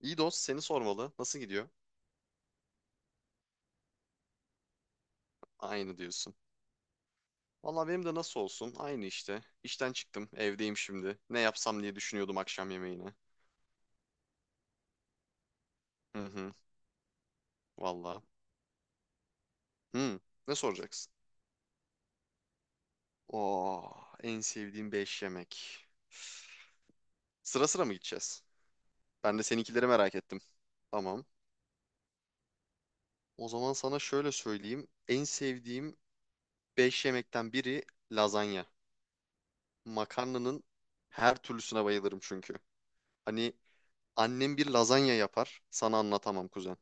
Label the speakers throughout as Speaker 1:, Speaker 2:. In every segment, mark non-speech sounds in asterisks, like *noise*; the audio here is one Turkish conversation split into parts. Speaker 1: İyi dost seni sormalı. Nasıl gidiyor? Aynı diyorsun. Valla benim de nasıl olsun? Aynı işte. İşten çıktım. Evdeyim şimdi. Ne yapsam diye düşünüyordum akşam yemeğine. Hı hı. Valla. Hı. Ne soracaksın? Oo, en sevdiğim 5 yemek. Sıra sıra mı gideceğiz? Ben de seninkileri merak ettim. Tamam. O zaman sana şöyle söyleyeyim. En sevdiğim 5 yemekten biri lazanya. Makarnanın her türlüsüne bayılırım çünkü. Hani annem bir lazanya yapar. Sana anlatamam kuzen.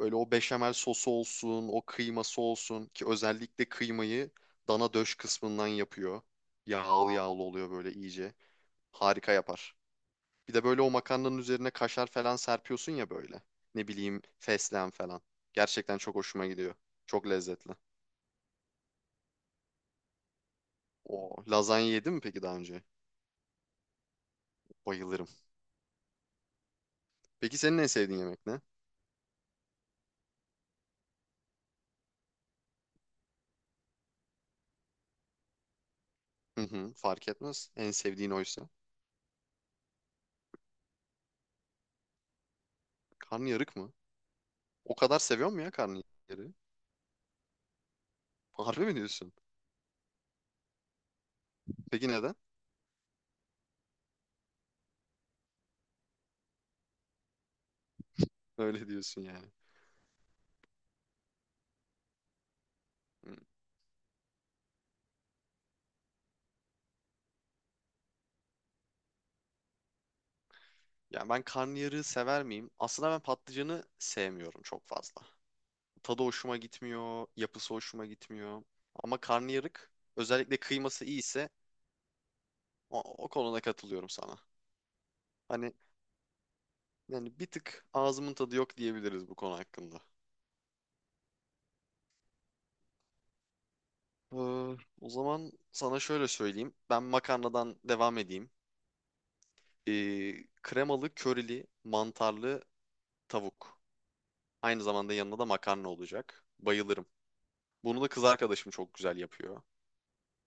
Speaker 1: Böyle o beşamel sosu olsun, o kıyması olsun ki özellikle kıymayı dana döş kısmından yapıyor. Yağlı yağlı oluyor böyle iyice. Harika yapar. Bir de böyle o makarnanın üzerine kaşar falan serpiyorsun ya böyle. Ne bileyim fesleğen falan. Gerçekten çok hoşuma gidiyor. Çok lezzetli. O lazanya yedin mi peki daha önce? Bayılırım. Peki senin en sevdiğin yemek ne? Hı hı, fark etmez. En sevdiğin oysa. Karnıyarık mı? O kadar seviyor mu ya karnıyarığı? Harbi mi diyorsun? Peki neden? Öyle diyorsun yani. Hmm. Yani ben karnıyarığı sever miyim? Aslında ben patlıcanı sevmiyorum çok fazla. Tadı hoşuma gitmiyor, yapısı hoşuma gitmiyor. Ama karnıyarık özellikle kıyması iyiyse o, o konuda katılıyorum sana. Hani yani bir tık ağzımın tadı yok diyebiliriz bu konu hakkında. Ee, O zaman sana şöyle söyleyeyim. Ben makarnadan devam edeyim. Kremalı, körili, mantarlı tavuk. Aynı zamanda yanında da makarna olacak. Bayılırım. Bunu da kız arkadaşım çok güzel yapıyor.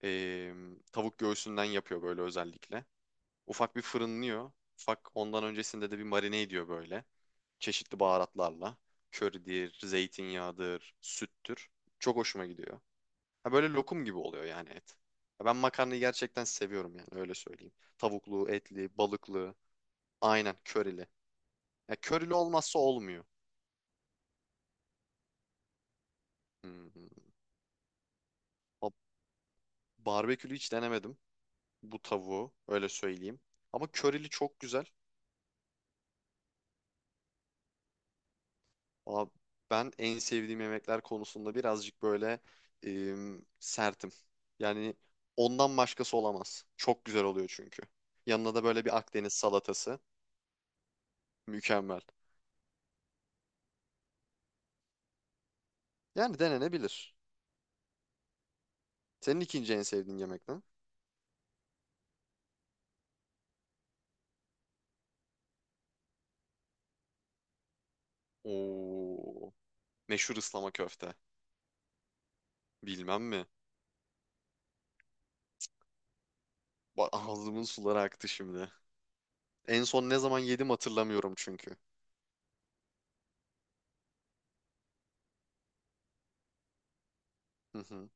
Speaker 1: Ee, Tavuk göğsünden yapıyor böyle özellikle. Ufak bir fırınlıyor. Ufak ondan öncesinde de bir marine ediyor böyle. Çeşitli baharatlarla. Köridir, zeytinyağıdır, süttür. Çok hoşuma gidiyor. Ha, böyle lokum gibi oluyor yani et. Ha, ben makarnayı gerçekten seviyorum yani öyle söyleyeyim. Tavuklu, etli, balıklı. Aynen körili. Ya körili olmazsa olmuyor. Hmm. Ba- Barbekülü hiç denemedim bu tavuğu, öyle söyleyeyim. Ama körili çok güzel. Valla ben en sevdiğim yemekler konusunda birazcık böyle sertim. Yani ondan başkası olamaz. Çok güzel oluyor çünkü. Yanına da böyle bir Akdeniz salatası. Mükemmel. Yani denenebilir. Senin ikinci en sevdiğin yemek ne? Oo, meşhur ıslama köfte. Bilmem mi? Ağzımın suları aktı şimdi. En son ne zaman yedim hatırlamıyorum çünkü. Hı hı.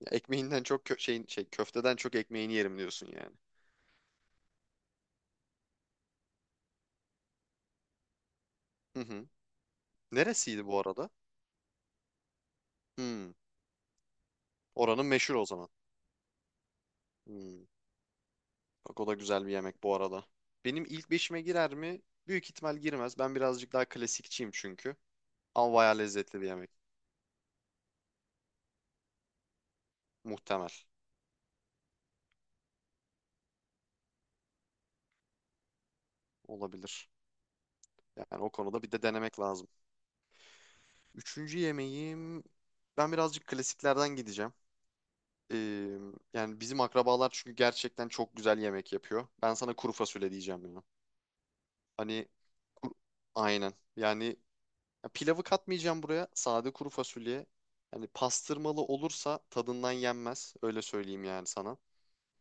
Speaker 1: Ya, ekmeğinden çok kö- şeyin şey köfteden çok ekmeğini yerim diyorsun yani. Hı hı. Neresiydi bu arada? Hmm. Oranın meşhur o zaman. Hmm. Bak o da güzel bir yemek bu arada. Benim ilk beşime girer mi? Büyük ihtimal girmez. Ben birazcık daha klasikçiyim çünkü. Ama bayağı lezzetli bir yemek. Muhtemel. Olabilir. Yani o konuda bir de denemek lazım. Üçüncü yemeğim... Ben birazcık klasiklerden gideceğim. Ee, Yani bizim akrabalar çünkü gerçekten çok güzel yemek yapıyor. Ben sana kuru fasulye diyeceğim ya. Hani kur- aynen. Yani ya pilavı katmayacağım buraya. Sade kuru fasulye. Hani pastırmalı olursa tadından yenmez. Öyle söyleyeyim yani sana.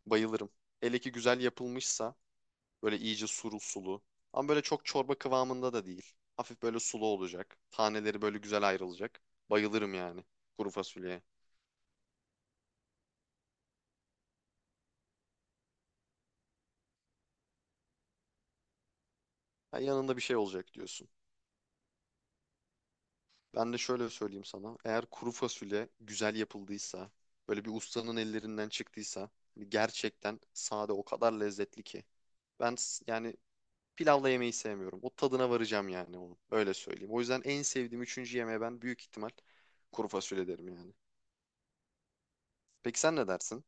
Speaker 1: Bayılırım. Hele ki güzel yapılmışsa böyle iyice sulu sulu. Ama böyle çok çorba kıvamında da değil. Hafif böyle sulu olacak. Taneleri böyle güzel ayrılacak. Bayılırım yani kuru fasulyeye. Ha, yanında bir şey olacak diyorsun. Ben de şöyle söyleyeyim sana. Eğer kuru fasulye güzel yapıldıysa, böyle bir ustanın ellerinden çıktıysa, hani gerçekten sade o kadar lezzetli ki. Ben yani pilavla yemeyi sevmiyorum. O tadına varacağım yani onu. Öyle söyleyeyim. O yüzden en sevdiğim üçüncü yemeğe ben büyük ihtimal kuru fasulye derim yani. Peki sen ne dersin?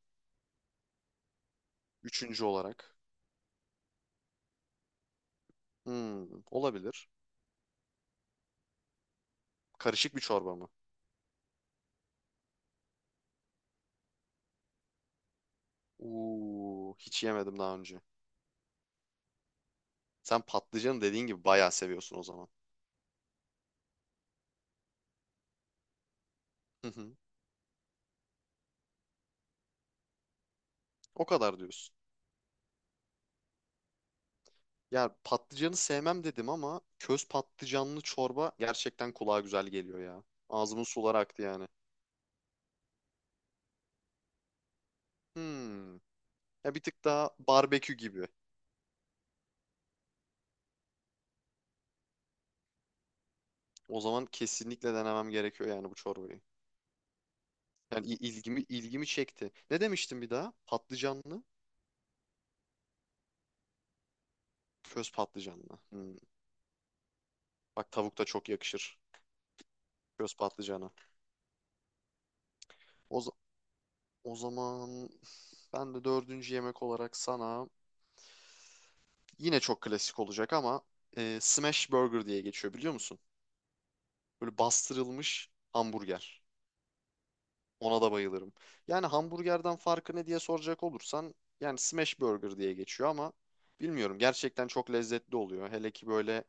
Speaker 1: Üçüncü olarak. Hmm, olabilir. Karışık bir çorba mı? Uuu, hiç yemedim daha önce. Sen patlıcanı dediğin gibi bayağı seviyorsun o zaman. Hı hı. O kadar diyorsun. Ya patlıcanı sevmem dedim ama köz patlıcanlı çorba gerçekten kulağa güzel geliyor ya. Ağzımın suları aktı yani. Hmm. Ya bir tık daha barbekü gibi. O zaman kesinlikle denemem gerekiyor yani bu çorbayı. Yani ilgimi çekti. Ne demiştim bir daha? Patlıcanlı, köz patlıcanlı. Hmm. Bak tavuk da çok yakışır köz patlıcana. O, za- o zaman ben de dördüncü yemek olarak sana yine çok klasik olacak ama smash burger diye geçiyor, biliyor musun? Böyle bastırılmış hamburger. Ona da bayılırım. Yani hamburgerden farkı ne diye soracak olursan, yani smash burger diye geçiyor ama bilmiyorum, gerçekten çok lezzetli oluyor. Hele ki böyle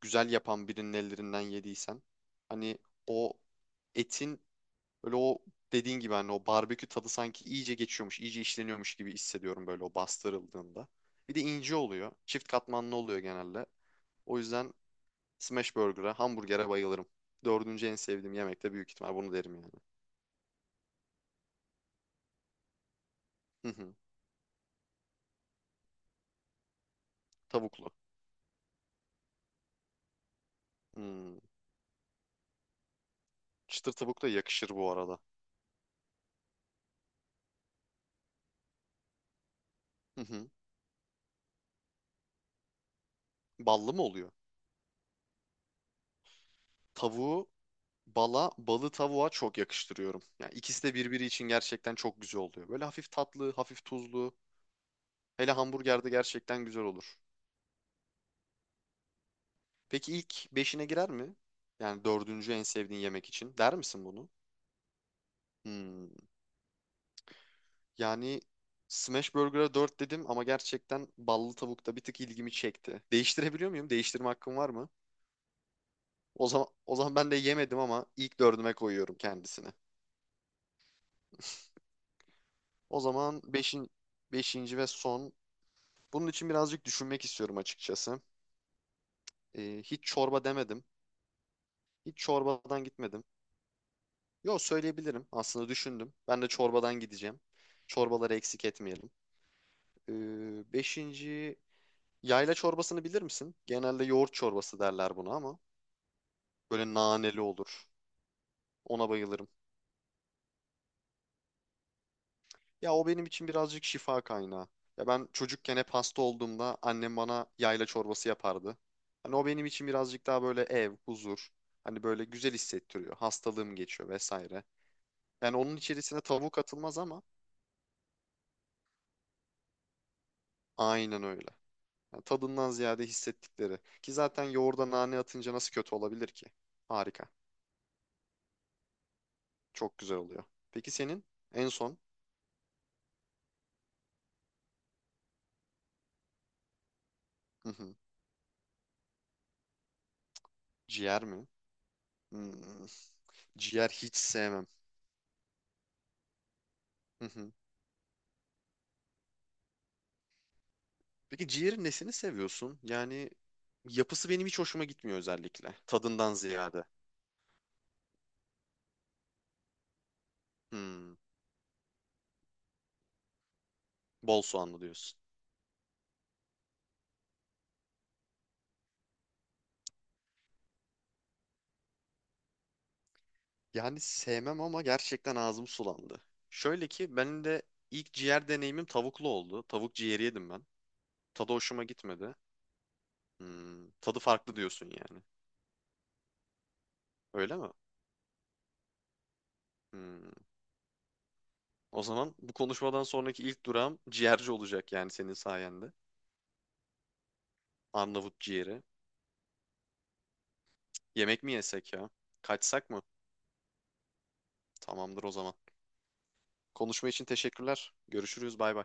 Speaker 1: güzel yapan birinin ellerinden yediysen, hani o etin böyle, o dediğin gibi hani o barbekü tadı sanki iyice geçiyormuş, iyice işleniyormuş gibi hissediyorum böyle o bastırıldığında. Bir de ince oluyor. Çift katmanlı oluyor genelde. O yüzden smash burger'a, hamburger'e bayılırım. Dördüncü en sevdiğim yemek de büyük ihtimal bunu derim yani. Hı hı. Tavuklu. Hmm. Çıtır tavuk da yakışır bu arada. Hı hı. Ballı mı oluyor? Tavuğu bala, balı tavuğa çok yakıştırıyorum. Yani ikisi de birbiri için gerçekten çok güzel oluyor. Böyle hafif tatlı, hafif tuzlu. Hele hamburgerde gerçekten güzel olur. Peki ilk beşine girer mi? Yani dördüncü en sevdiğin yemek için. Der misin bunu? Hmm. Yani Smash Burger'a 4 dedim ama gerçekten ballı tavukta bir tık ilgimi çekti. Değiştirebiliyor muyum? Değiştirme hakkım var mı? O zaman, o zaman ben de yemedim ama ilk dördüme koyuyorum kendisini. O zaman beşinci ve son. Bunun için birazcık düşünmek istiyorum açıkçası. Hiç çorba demedim. Hiç çorbadan gitmedim. Yo, söyleyebilirim. Aslında düşündüm. Ben de çorbadan gideceğim. Çorbaları eksik etmeyelim. Beşinci, yayla çorbasını bilir misin? Genelde yoğurt çorbası derler buna ama böyle naneli olur. Ona bayılırım. Ya o benim için birazcık şifa kaynağı. Ya ben çocukken hep hasta olduğumda annem bana yayla çorbası yapardı. Hani o benim için birazcık daha böyle ev, huzur. Hani böyle güzel hissettiriyor. Hastalığım geçiyor vesaire. Yani onun içerisine tavuk atılmaz ama aynen öyle. Yani tadından ziyade hissettikleri. Ki zaten yoğurda nane atınca nasıl kötü olabilir ki? Harika. Çok güzel oluyor. Peki senin en son? Hı hı. Ciğer mi? Hmm, ciğer hiç sevmem. *laughs* Peki ciğerin nesini seviyorsun? Yani yapısı benim hiç hoşuma gitmiyor özellikle. Tadından ziyade. Hmm, bol soğanlı diyorsun. Yani sevmem ama gerçekten ağzım sulandı. Şöyle ki benim de ilk ciğer deneyimim tavuklu oldu. Tavuk ciğeri yedim ben. Tadı hoşuma gitmedi. Hmm, tadı farklı diyorsun yani. Öyle mi? Hmm. O zaman bu konuşmadan sonraki ilk durağım ciğerci olacak yani senin sayende. Arnavut ciğeri. Yemek mi yesek ya? Kaçsak mı? Tamamdır o zaman. Konuşma için teşekkürler. Görüşürüz. Bay bay.